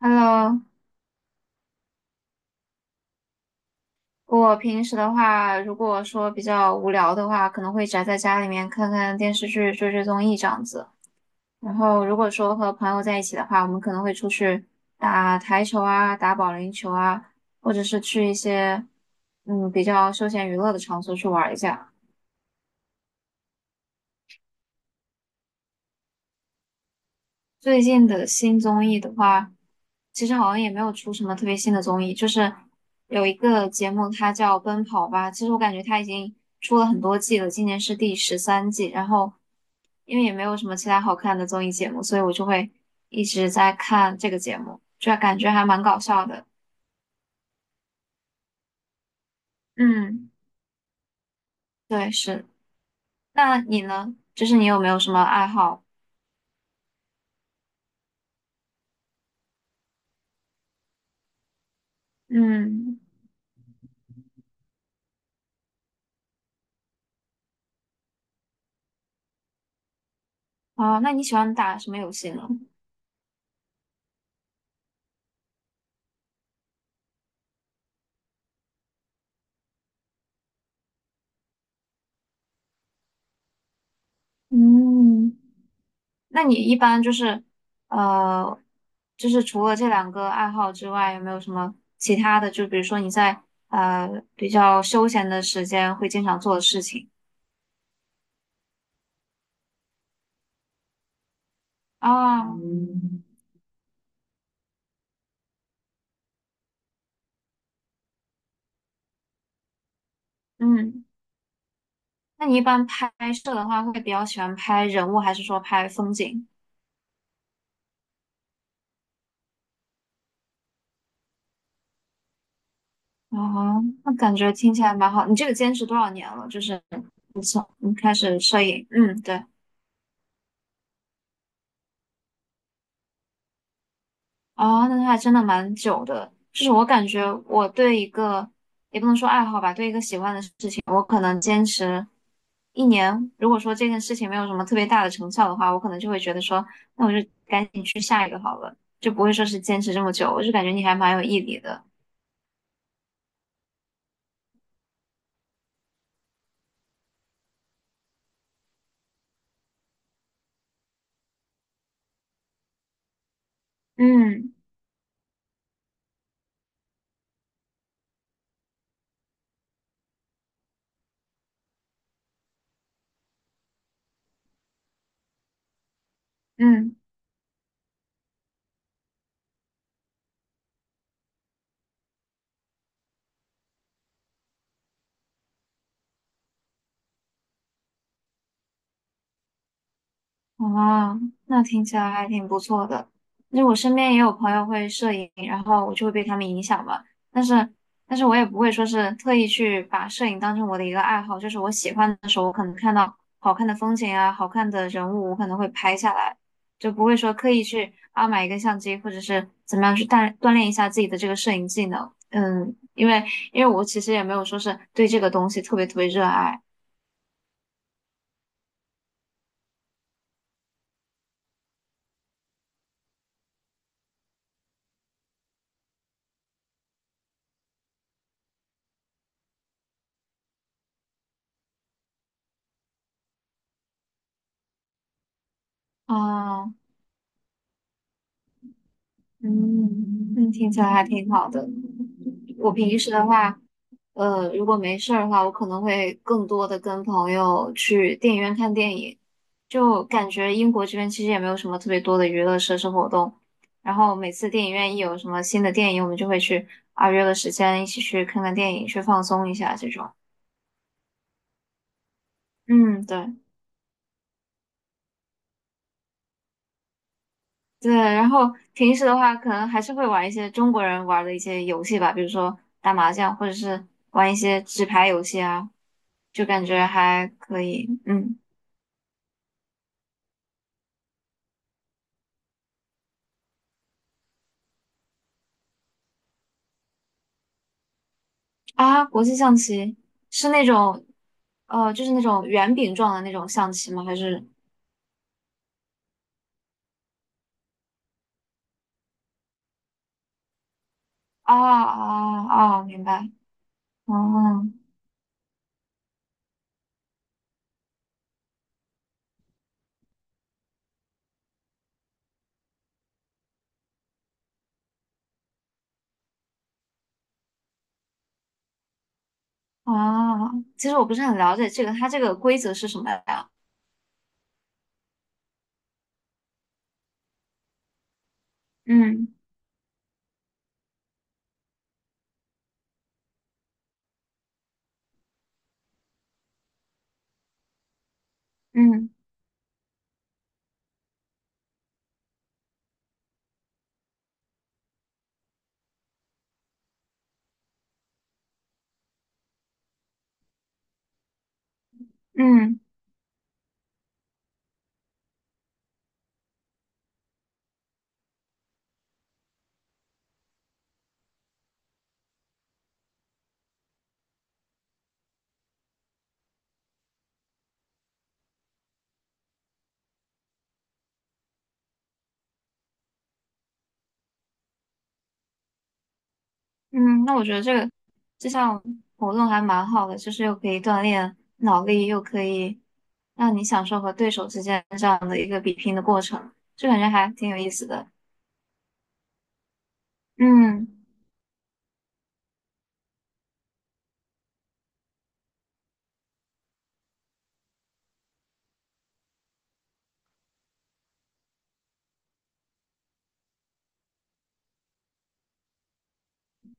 Hello，我平时的话，如果说比较无聊的话，可能会宅在家里面看看电视剧、追追综艺这样子。然后，如果说和朋友在一起的话，我们可能会出去打台球啊、打保龄球啊，或者是去一些比较休闲娱乐的场所去玩一下。最近的新综艺的话，其实好像也没有出什么特别新的综艺，就是有一个节目，它叫《奔跑吧》。其实我感觉它已经出了很多季了，今年是第13季。然后因为也没有什么其他好看的综艺节目，所以我就会一直在看这个节目，就感觉还蛮搞笑的。嗯，对，是。那你呢？就是你有没有什么爱好？嗯，啊，那你喜欢打什么游戏呢？嗯。那你一般就是，呃，就是除了这两个爱好之外，有没有什么其他的？就比如说你在呃比较休闲的时间会经常做的事情啊，嗯，那你一般拍摄的话，会比较喜欢拍人物，还是说拍风景？哦，那感觉听起来蛮好。你这个坚持多少年了？就是你开始摄影，嗯，对。哦，那他还真的蛮久的。就是我感觉我对一个，也不能说爱好吧，对一个喜欢的事情，我可能坚持一年。如果说这件事情没有什么特别大的成效的话，我可能就会觉得说，那我就赶紧去下一个好了，就不会说是坚持这么久。我就感觉你还蛮有毅力的。嗯嗯。哦，那听起来还挺不错的。就我身边也有朋友会摄影，然后我就会被他们影响嘛。但是，但是，我也不会说是特意去把摄影当成我的一个爱好，就是我喜欢的时候，我可能看到好看的风景啊、好看的人物，我可能会拍下来，就不会说刻意去啊买一个相机，或者是怎么样去锻炼一下自己的这个摄影技能。嗯，因为我其实也没有说是对这个东西特别特别热爱。啊。嗯，那听起来还挺好的。我平时的话，呃，如果没事儿的话，我可能会更多的跟朋友去电影院看电影。就感觉英国这边其实也没有什么特别多的娱乐设施活动，然后每次电影院一有什么新的电影，我们就会去啊约个时间一起去看看电影，去放松一下这种。嗯，对对。然后平时的话，可能还是会玩一些中国人玩的一些游戏吧，比如说打麻将，或者是玩一些纸牌游戏啊。就感觉还可以。嗯，啊，国际象棋是那种，呃，就是那种圆饼状的那种象棋吗？还是啊啊啊，明白。哦啊，其实我不是很了解这个，它这个规则是什么呀？嗯嗯嗯嗯，那我觉得这个这项活动还蛮好的，就是又可以锻炼脑力，又可以让你享受和对手之间这样的一个比拼的过程，就感觉还挺有意思的。嗯。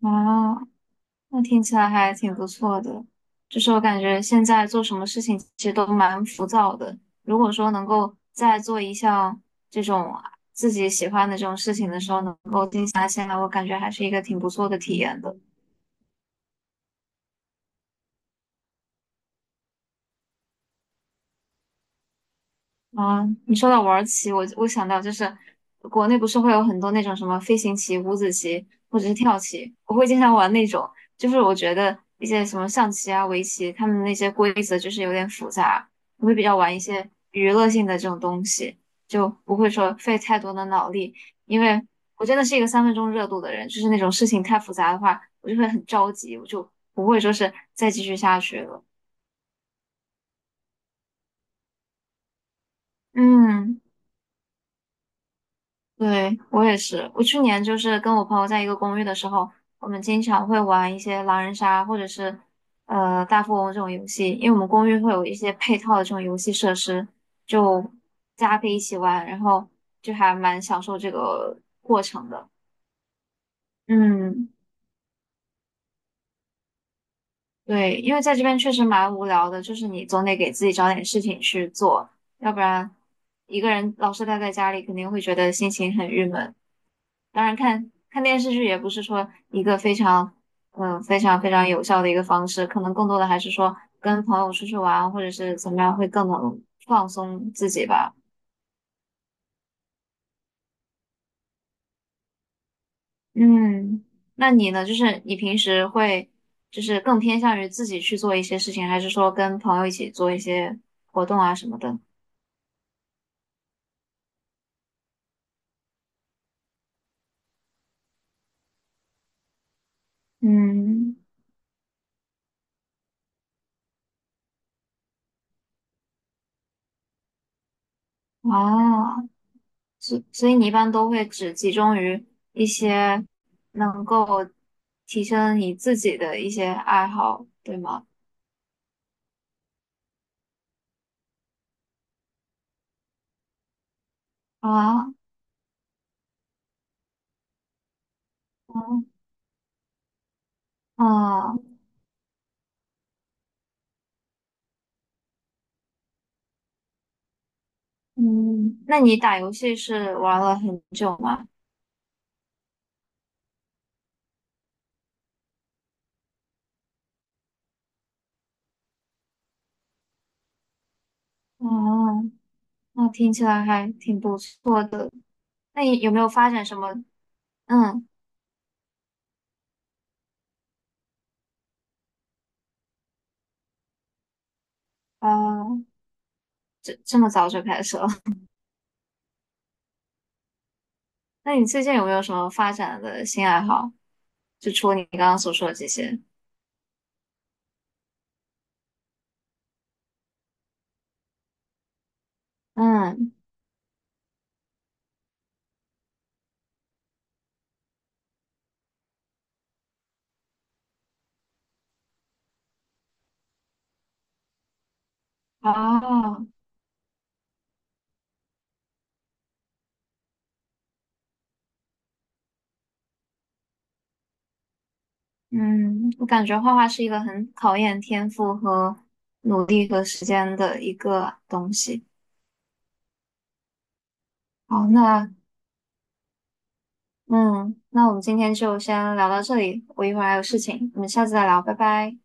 啊，那听起来还挺不错的。就是我感觉现在做什么事情其实都蛮浮躁的。如果说能够在做一项这种自己喜欢的这种事情的时候，能够静下心来，我感觉还是一个挺不错的体验的。啊，你说到玩儿棋，我想到就是国内不是会有很多那种什么飞行棋、五子棋或者是跳棋，我会经常玩那种。就是我觉得一些什么象棋啊、围棋，他们那些规则就是有点复杂，我会比较玩一些娱乐性的这种东西，就不会说费太多的脑力。因为我真的是一个三分钟热度的人，就是那种事情太复杂的话，我就会很着急，我就不会说是再继续下去了。嗯。对，我也是。我去年就是跟我朋友在一个公寓的时候，我们经常会玩一些狼人杀或者是呃大富翁这种游戏，因为我们公寓会有一些配套的这种游戏设施，就大家可以一起玩，然后就还蛮享受这个过程的。嗯，对，因为在这边确实蛮无聊的，就是你总得给自己找点事情去做，要不然一个人老是待在家里，肯定会觉得心情很郁闷。当然看看电视剧也不是说一个非常非常非常有效的一个方式，可能更多的还是说跟朋友出去玩或者是怎么样会更能放松自己吧。嗯，那你呢？就是你平时会就是更偏向于自己去做一些事情，还是说跟朋友一起做一些活动啊什么的？嗯，啊。所以你一般都会只集中于一些能够提升你自己的一些爱好，对吗？啊，嗯啊，嗯，那你打游戏是玩了很久吗？哦，那听起来还挺不错的。那你有没有发展什么？嗯，啊，这这么早就开始了？那你最近有没有什么发展的新爱好？就除了你刚刚所说的这些？嗯，啊。嗯，我感觉画画是一个很考验天赋和努力和时间的一个东西。好，那嗯，那我们今天就先聊到这里，我一会儿还有事情，我们下次再聊，拜拜。